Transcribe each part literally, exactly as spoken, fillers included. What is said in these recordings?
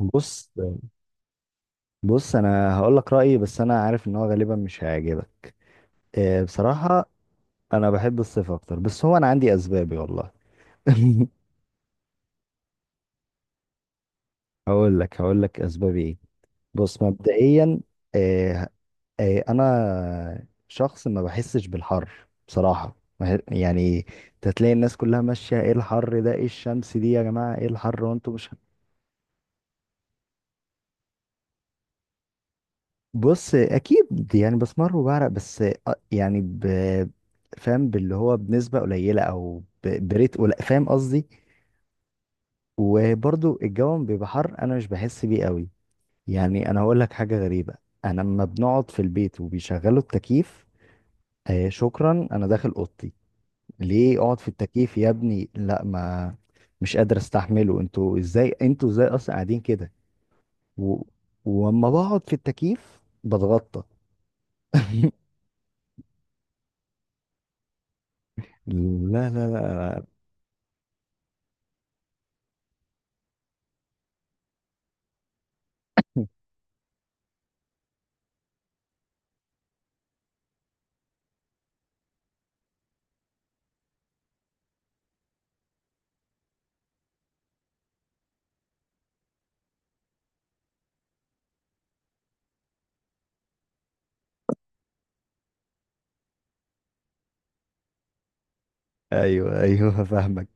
بص بص، انا هقول لك رايي، بس انا عارف ان هو غالبا مش هيعجبك. آه، بصراحه انا بحب الصيف اكتر، بس هو انا عندي اسبابي والله. هقول لك هقول لك اسبابي ايه. بص، مبدئيا آه، آه، انا شخص ما بحسش بالحر بصراحه. ما ه- يعني تتلاقي الناس كلها ماشيه ايه الحر ده، ايه الشمس دي يا جماعه، ايه الحر، وانتوا مش. بص، اكيد يعني بسمر وبعرق، بس أ- يعني ب... فاهم، باللي هو بنسبه قليله، او ب... بريت قليل، فاهم قصدي؟ وبرضو الجو بيبقى حر، انا مش بحس بيه قوي. يعني انا هقول لك حاجه غريبه، انا لما بنقعد في البيت وبيشغلوا التكييف، آه شكرا، انا داخل اوضتي. ليه اقعد في التكييف يا ابني؟ لا، ما مش قادر استحمله. انتوا ازاي، انتوا ازاي اصلا قاعدين كده؟ و... وأما بقعد في التكييف بتغطى. لا لا لا. ايوه ايوه، فاهمك.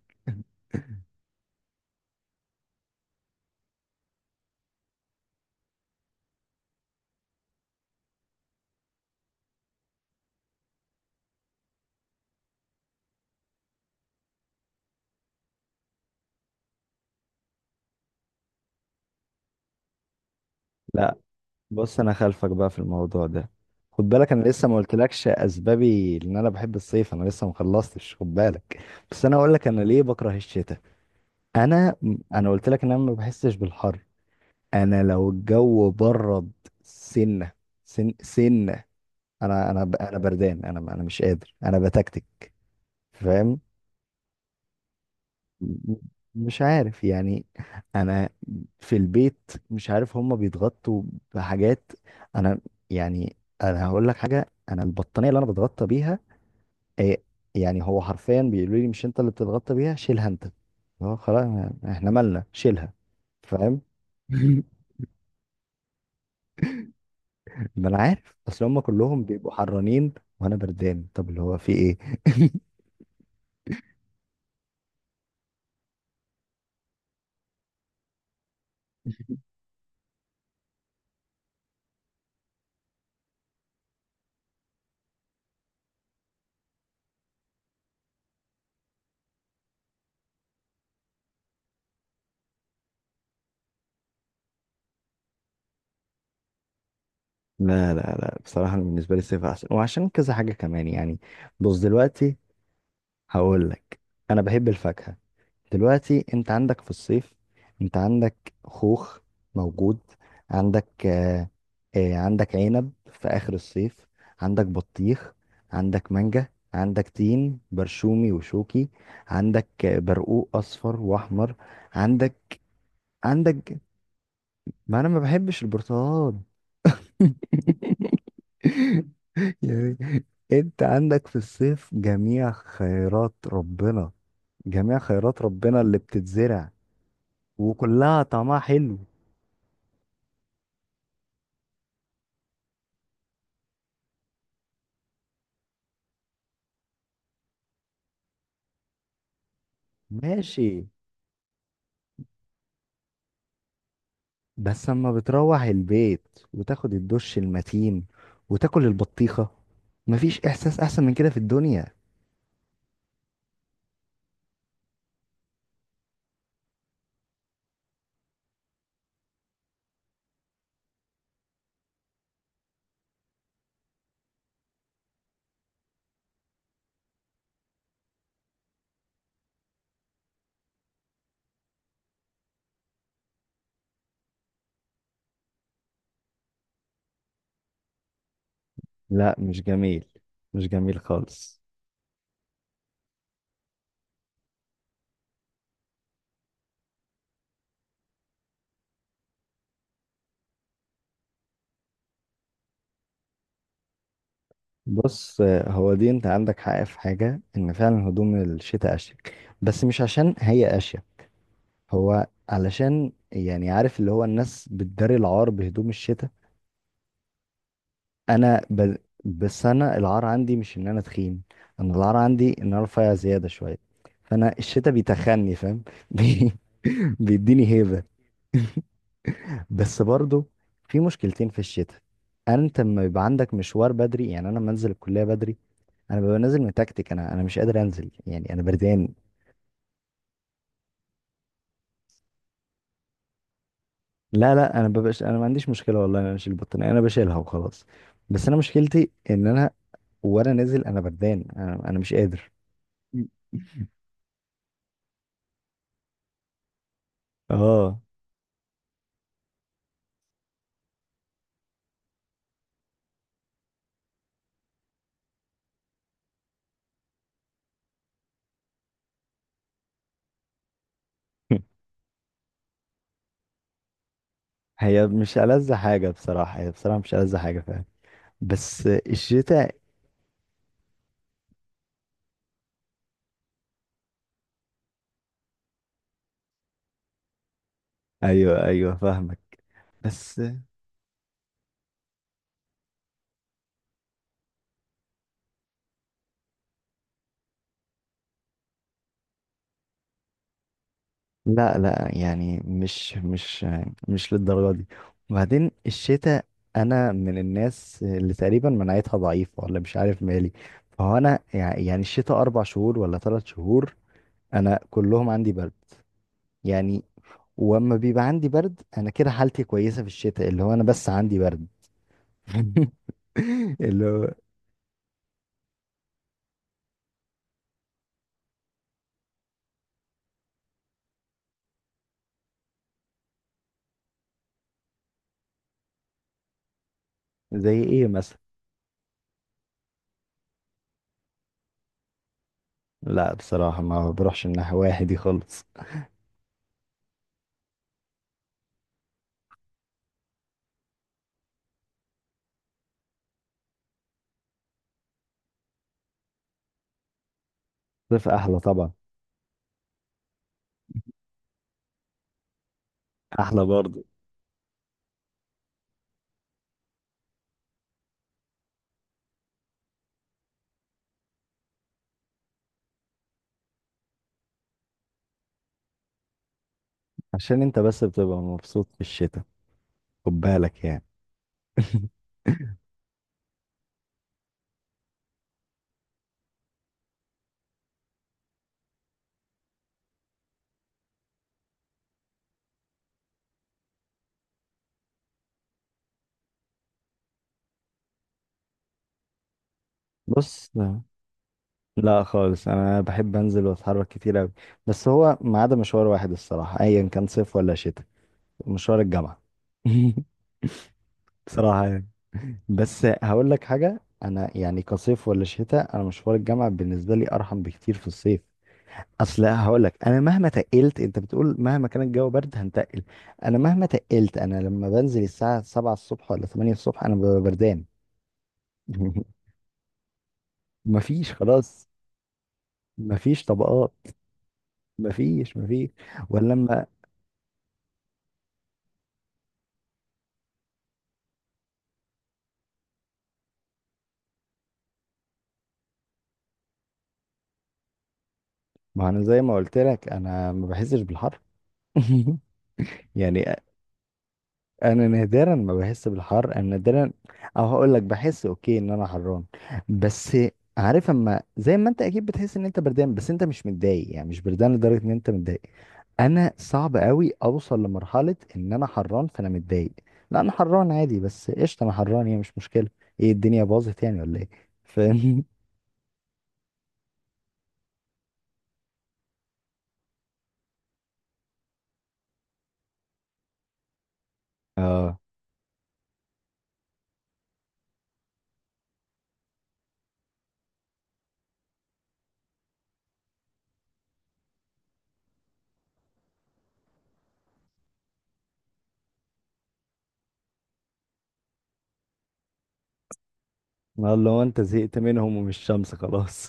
لا، بص، انا خلفك بقى في الموضوع ده. خد بالك، انا لسه ما قلتلكش اسبابي ان انا بحب الصيف، انا لسه ما خلصتش، خد بالك. بس انا اقول لك انا ليه بكره الشتاء. انا، انا قلت لك ان انا ما بحسش بالحر. انا لو الجو برد سنه سن سنه، انا انا ب- انا بردان، انا انا مش قادر، انا بتكتك، فاهم؟ م- مش عارف يعني. انا في البيت مش عارف هما بيتغطوا بحاجات. انا يعني، انا هقول لك حاجه، انا البطانيه اللي انا بتغطى بيها إيه، يعني هو حرفيا بيقولوا لي مش انت اللي بتتغطى بيها؟ شيلها انت، هو خلاص، احنا مالنا، شيلها. فاهم؟ ما انا عارف، اصل هما كلهم بيبقوا حرانين وانا بردان، طب اللي هو في ايه؟ لا لا لا، بصراحة أنا بالنسبة لي الصيف أحسن، وعشان كذا حاجة كمان يعني. بص دلوقتي، هقول لك، انا بحب الفاكهه. دلوقتي انت عندك في الصيف، انت عندك خوخ موجود، عندك آه، آه عندك عنب في اخر الصيف، عندك بطيخ، عندك مانجا، عندك تين برشومي وشوكي، عندك آه، برقوق اصفر واحمر، عندك، عندك. ما انا ما بحبش البرتقال. يعني انت عندك في الصيف جميع خيرات ربنا، جميع خيرات ربنا اللي بتتزرع وكلها طعمها حلو. ماشي. بس اما بتروح البيت وتاخد الدش المتين وتاكل البطيخة، مفيش احساس احسن من كده في الدنيا. لا، مش جميل، مش جميل خالص. بص آه، هو دي، انت عندك حق في حاجة، ان فعلا هدوم الشتاء اشيك، بس مش عشان هي اشيك، هو علشان يعني عارف، اللي هو الناس بتداري العار بهدوم الشتاء. انا ب... بس انا العار عندي مش ان انا تخين، انا العار عندي ان انا رفيع زياده شويه، فانا الشتاء بيتخني، فاهم؟ بي... بيديني هيبه. بس برضو في مشكلتين في الشتاء. انت لما يبقى عندك مشوار بدري، يعني انا لما انزل الكليه بدري، انا ببقى نازل متكتك، انا انا مش قادر انزل، يعني انا بردان. لا لا، انا ببقاش، انا ما عنديش مشكله والله إن انا اشيل البطانيه، انا بشيلها وخلاص. بس انا مشكلتي ان انا، وانا نازل، انا بردان، انا, أنا مش قادر. اه. هي مش ألذ حاجة بصراحة، هي بصراحة مش ألذ حاجة فعلا. بس الشتاء، أيوه أيوه فاهمك. بس لا لا، يعني مش مش مش للدرجة دي. وبعدين الشتاء، أنا من الناس اللي تقريبا مناعتها ضعيفة، ولا مش عارف مالي. فهو أنا يع- يعني الشتاء أربع شهور ولا ثلاث شهور، أنا كلهم عندي برد، يعني. واما بيبقى عندي برد أنا كده حالتي كويسة في الشتاء، اللي هو أنا بس عندي برد. اللي هو، زي إيه؟ لا بصراحة ما بروحش من ناحية واحد دي خالص. الصيف أحلى طبعا. أحلى برضه. عشان أنت بس بتبقى مبسوط في الشتاء، خد بالك يعني. بص، لا خالص، أنا بحب أنزل وأتحرك كتير أوي. بس هو ما عدا مشوار واحد الصراحة، أيا كان صيف ولا شتاء، مشوار الجامعة. بصراحة يعني. بس هقول لك حاجة، أنا يعني كصيف ولا شتاء، أنا مشوار الجامعة بالنسبة لي أرحم بكتير في الصيف. اصل هقول لك، انا مهما تقلت، انت بتقول مهما كان الجو برد هنتقل، انا مهما تقلت، انا لما بنزل الساعه سبعة الصبح ولا تمانية الصبح انا ببقى بردان. مفيش خلاص. مفيش طبقات. مفيش، مفيش. ولا لما. ما انا زي ما قلت لك، انا ما بحسش بالحر. يعني انا نادرا ما بحس بالحر، انا نادرا. او هقول لك، بحس اوكي ان انا حران، بس عارف، اما زي ما انت اكيد بتحس ان انت بردان، بس انت مش متضايق، يعني مش بردان لدرجه ان انت متضايق. انا صعب قوي اوصل لمرحله ان انا حران فانا متضايق. لا انا حران عادي، بس قشطه انا حران، هي مش مشكله، ايه الدنيا باظت يعني ولا ايه؟ فاهم؟ اه. والله انت زهقت منهم ومش شمس خلاص.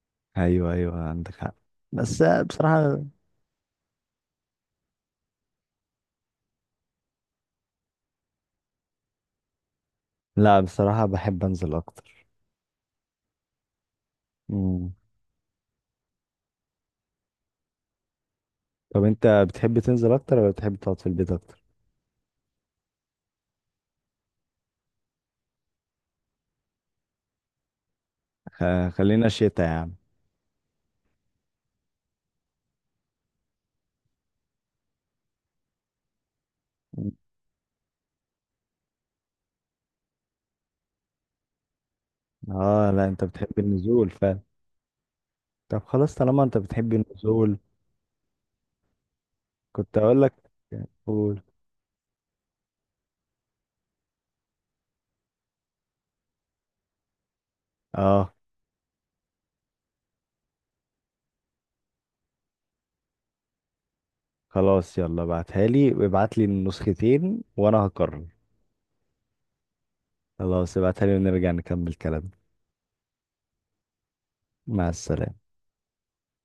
ايوه ايوه عندك حق، بس بصراحه. لا بصراحه، بحب انزل اكتر. مم. طب انت بتحب تنزل اكتر ولا بتحب تقعد في البيت اكتر؟ خ- خلينا شتاء يا عم. اه لا، انت بتحب النزول فعلا. طب خلاص، طالما انت بتحب النزول، كنت اقول لك. قول. اه، خلاص يلا ابعتها لي، وابعت لي النسختين، وانا هقرر. خلاص ابعتها لي، ونرجع نكمل كلام. مع السلامة.